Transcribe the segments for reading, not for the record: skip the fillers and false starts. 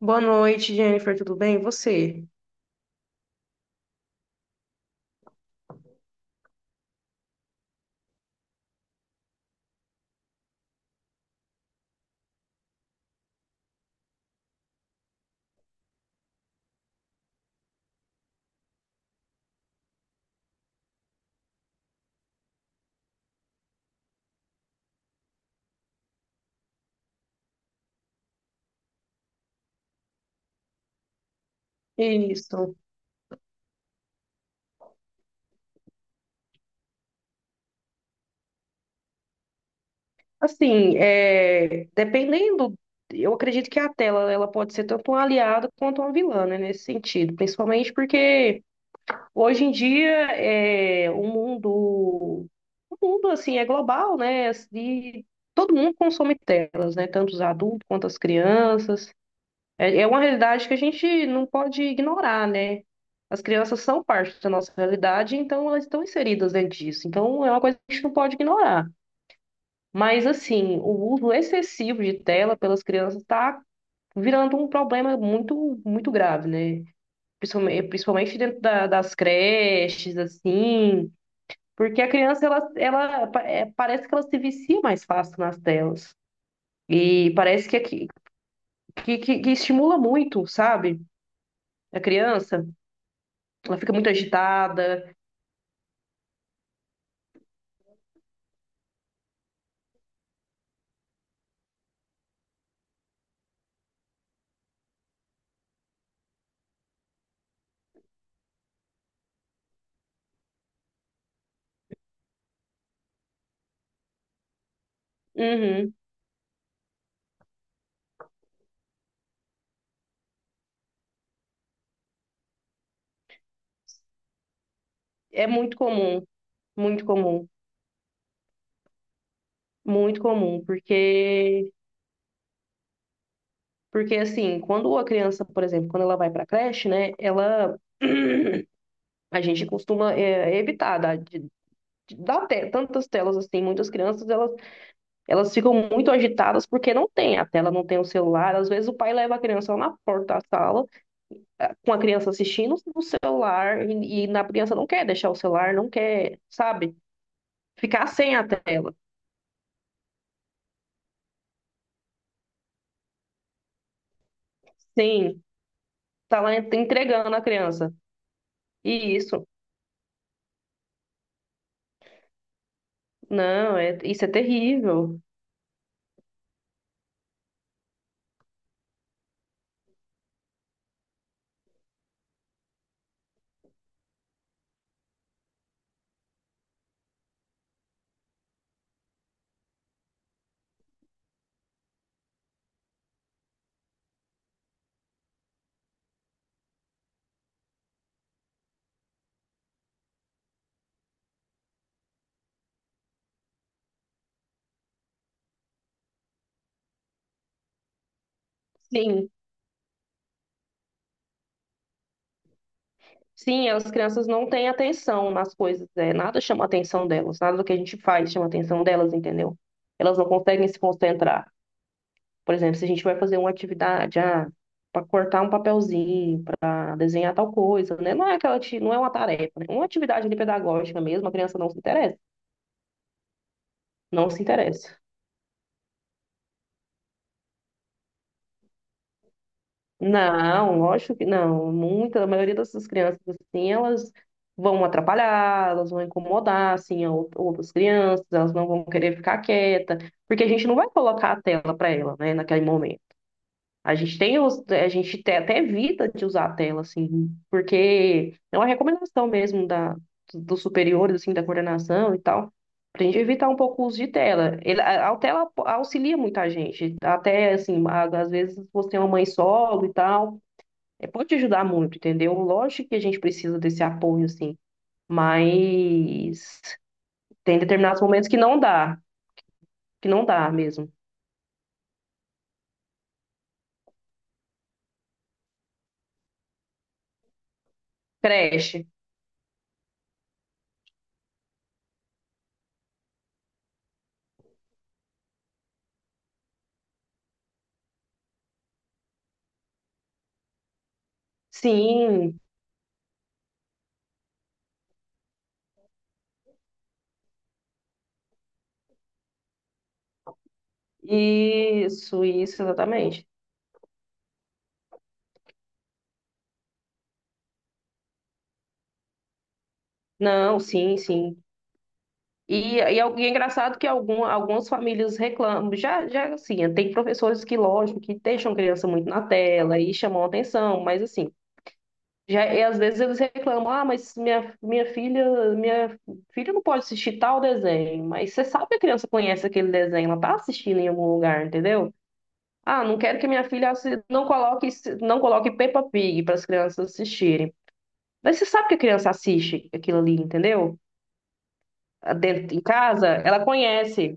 Boa noite, Jennifer, tudo bem? E você? Isso. Assim, dependendo, eu acredito que a tela ela pode ser tanto um aliado quanto uma vilã, né, nesse sentido, principalmente porque hoje em dia é, o mundo, o mundo assim é global, né? E todo mundo consome telas, né? Tanto os adultos quanto as crianças. É, é uma realidade que a gente não pode ignorar, né? As crianças são parte da nossa realidade, então elas estão inseridas dentro disso. Então é uma coisa que a gente não pode ignorar. Mas, assim, o uso excessivo de tela pelas crianças está virando um problema muito, muito grave, né? Principalmente, principalmente dentro das creches, assim, porque a criança, ela, parece que ela se vicia mais fácil nas telas. E parece que que estimula muito, sabe? A criança. Ela fica muito agitada. Uhum. É muito comum, muito comum, muito comum, porque porque assim, quando a criança, por exemplo, quando ela vai para a creche, né, ela a gente costuma evitar dar, de dar tantas telas assim, muitas crianças elas ficam muito agitadas porque não tem a tela, não tem o celular. Às vezes o pai leva a criança lá na porta da sala, com a criança assistindo no celular e na criança não quer deixar o celular, não quer, sabe, ficar sem a tela. Sim. Tá lá entregando a criança. E isso, não, é, isso é terrível. Sim, sim, as crianças não têm atenção nas coisas, é, nada chama a atenção delas, nada do que a gente faz chama a atenção delas, entendeu? Elas não conseguem se concentrar. Por exemplo, se a gente vai fazer uma atividade, ah, para cortar um papelzinho, para desenhar tal coisa, né? Não é aquela, não é uma tarefa, né? Uma atividade ali pedagógica mesmo, a criança não se interessa, não se interessa. Não, lógico que não. Muita, a maioria dessas crianças, assim, elas vão atrapalhar, elas vão incomodar, assim, a outras crianças, elas não vão querer ficar quieta, porque a gente não vai colocar a tela para ela, né, naquele momento. A gente tem, a gente até evita de usar a tela, assim, porque é uma recomendação mesmo da, dos superiores, assim, da coordenação e tal, pra gente evitar um pouco o uso de tela. Ele, a tela auxilia muita gente, até, assim, às vezes você é uma mãe solo e tal, é, pode ajudar muito, entendeu? Lógico que a gente precisa desse apoio, assim, mas tem determinados momentos que não dá mesmo. Creche. Sim, isso, exatamente. Não, sim, sim. É e é engraçado que algum, algumas famílias reclamam. Já, já, assim, tem professores que, lógico, que deixam criança muito na tela e chamam a atenção, mas, assim, já, e às vezes eles reclamam, ah, mas minha, minha filha não pode assistir tal desenho, mas você sabe que a criança conhece aquele desenho, ela tá assistindo em algum lugar, entendeu? Ah, não quero que minha filha não coloque, não coloque Peppa Pig para as crianças assistirem. Mas você sabe que a criança assiste aquilo ali, entendeu? Dentro em casa, ela conhece.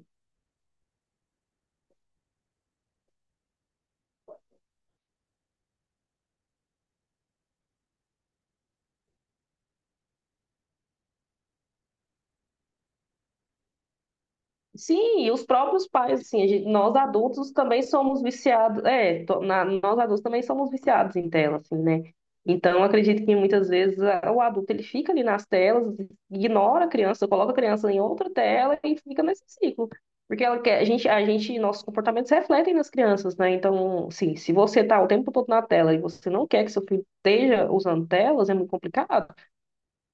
Sim, e os próprios pais, assim, nós adultos também somos viciados, nós adultos também somos viciados em tela, assim, né? Então, eu acredito que muitas vezes o adulto ele fica ali nas telas, ignora a criança, coloca a criança em outra tela e fica nesse ciclo. Porque ela quer, a gente, nossos comportamentos refletem nas crianças, né? Então, sim, se você tá o tempo todo na tela e você não quer que seu filho esteja usando telas, é muito complicado,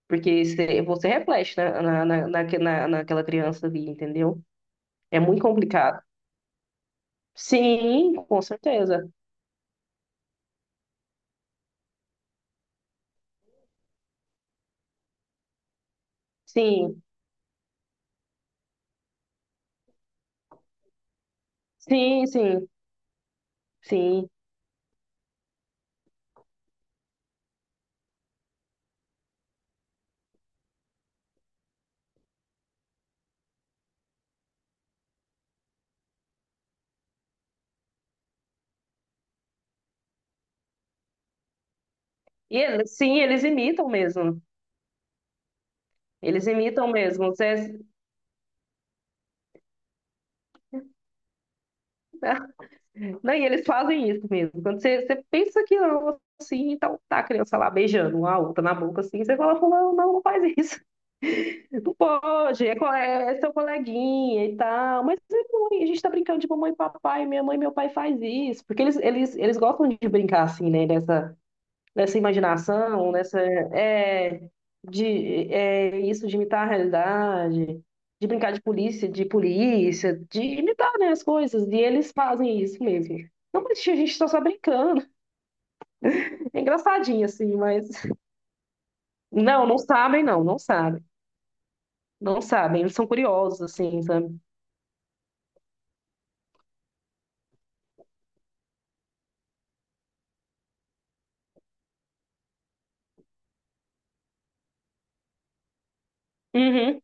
porque você, você reflete, né, naquela criança ali, entendeu? É muito complicado. Sim, com certeza. Sim, sim, sim, sim. E eles, sim, eles imitam mesmo. Eles imitam mesmo. Você, não, e eles fazem isso mesmo. Quando você, você pensa que não, assim, então tá a criança lá beijando uma outra na boca, assim, você fala, não, não, não faz isso. Não pode, é é seu coleguinha e tal. Mas é mãe, a gente tá brincando de mamãe e papai, minha mãe e meu pai faz isso. Porque eles gostam de brincar assim, né, dessa nessa imaginação, nessa é, de é, isso de imitar a realidade, de brincar de polícia, de polícia, de imitar, né, as coisas. E eles fazem isso mesmo. Não, mas tia, a gente tá só brincando. É engraçadinho, assim, mas... Não, não sabem, não. Não sabem. Não sabem. Eles são curiosos, assim, sabe? Uhum,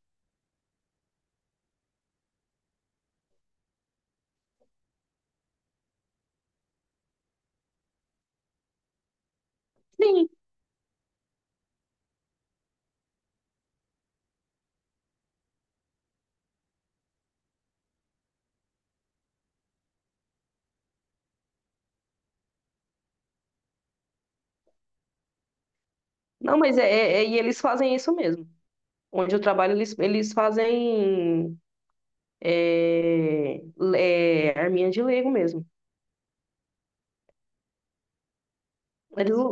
sim. Não, mas e eles fazem isso mesmo. Onde eu trabalho, eles fazem é, arminha de Lego mesmo. Eles,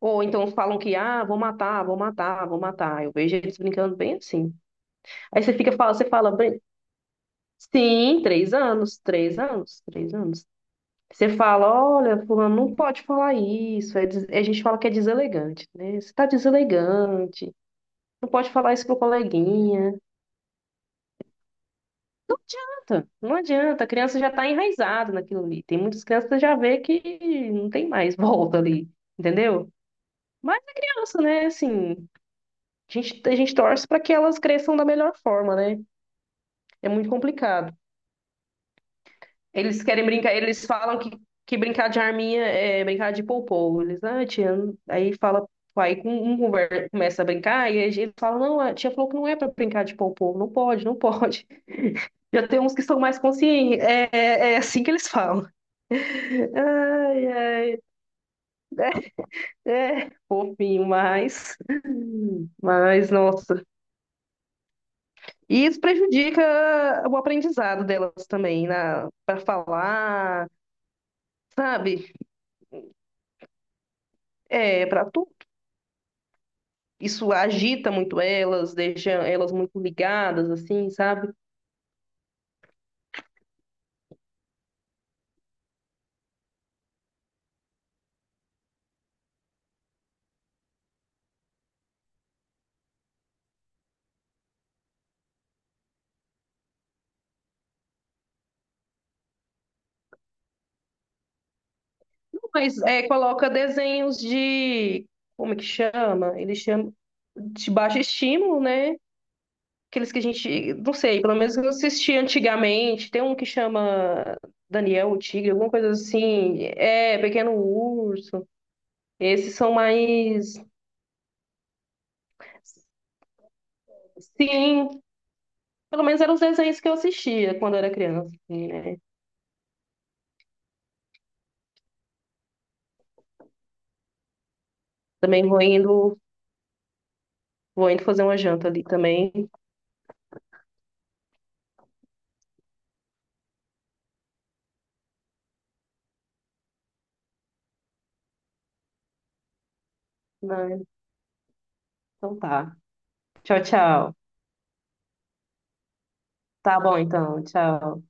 Ou então falam que, ah, vou matar, vou matar, vou matar. Eu vejo eles brincando bem assim. Aí você fica, fala- você fala, sim, três anos, três anos, três anos. Você fala, olha, fulano, não pode falar isso. A gente fala que é deselegante, né? Você tá deselegante, não pode falar isso pro coleguinha. Não adianta, não adianta, a criança já está enraizada naquilo ali. Tem muitas crianças que já vê que não tem mais volta ali, entendeu? Mas é criança, né? Assim, a gente, a gente torce para que elas cresçam da melhor forma, né? É muito complicado. Eles querem brincar, eles falam que brincar de arminha é brincar de poupou. Eles, ah, tia, não-" aí fala, aí com- um conver- começa a brincar e aí eles falam, não, a tia falou que não é para brincar de poupou, não pode, não pode. Já tem uns que são mais conscientes, é assim que eles falam. Ai, ai, é fofinho, mas, nossa. E isso prejudica o aprendizado delas também, na, para falar, sabe? É, para tu, isso agita muito elas, deixa elas muito ligadas, assim, sabe? Não, mas é, coloca desenhos de, como é que chama? Eles chamam de baixo estímulo, né? Aqueles que a gente, não sei, pelo menos eu assisti antigamente. Tem um que chama Daniel o Tigre, alguma coisa assim. É, Pequeno Urso. Esses são mais... Sim, pelo menos eram os desenhos que eu assistia quando era criança, assim, né? Também vou indo fazer uma janta ali também, né? Então tá. Tchau, tchau. Tá bom, então. Tchau.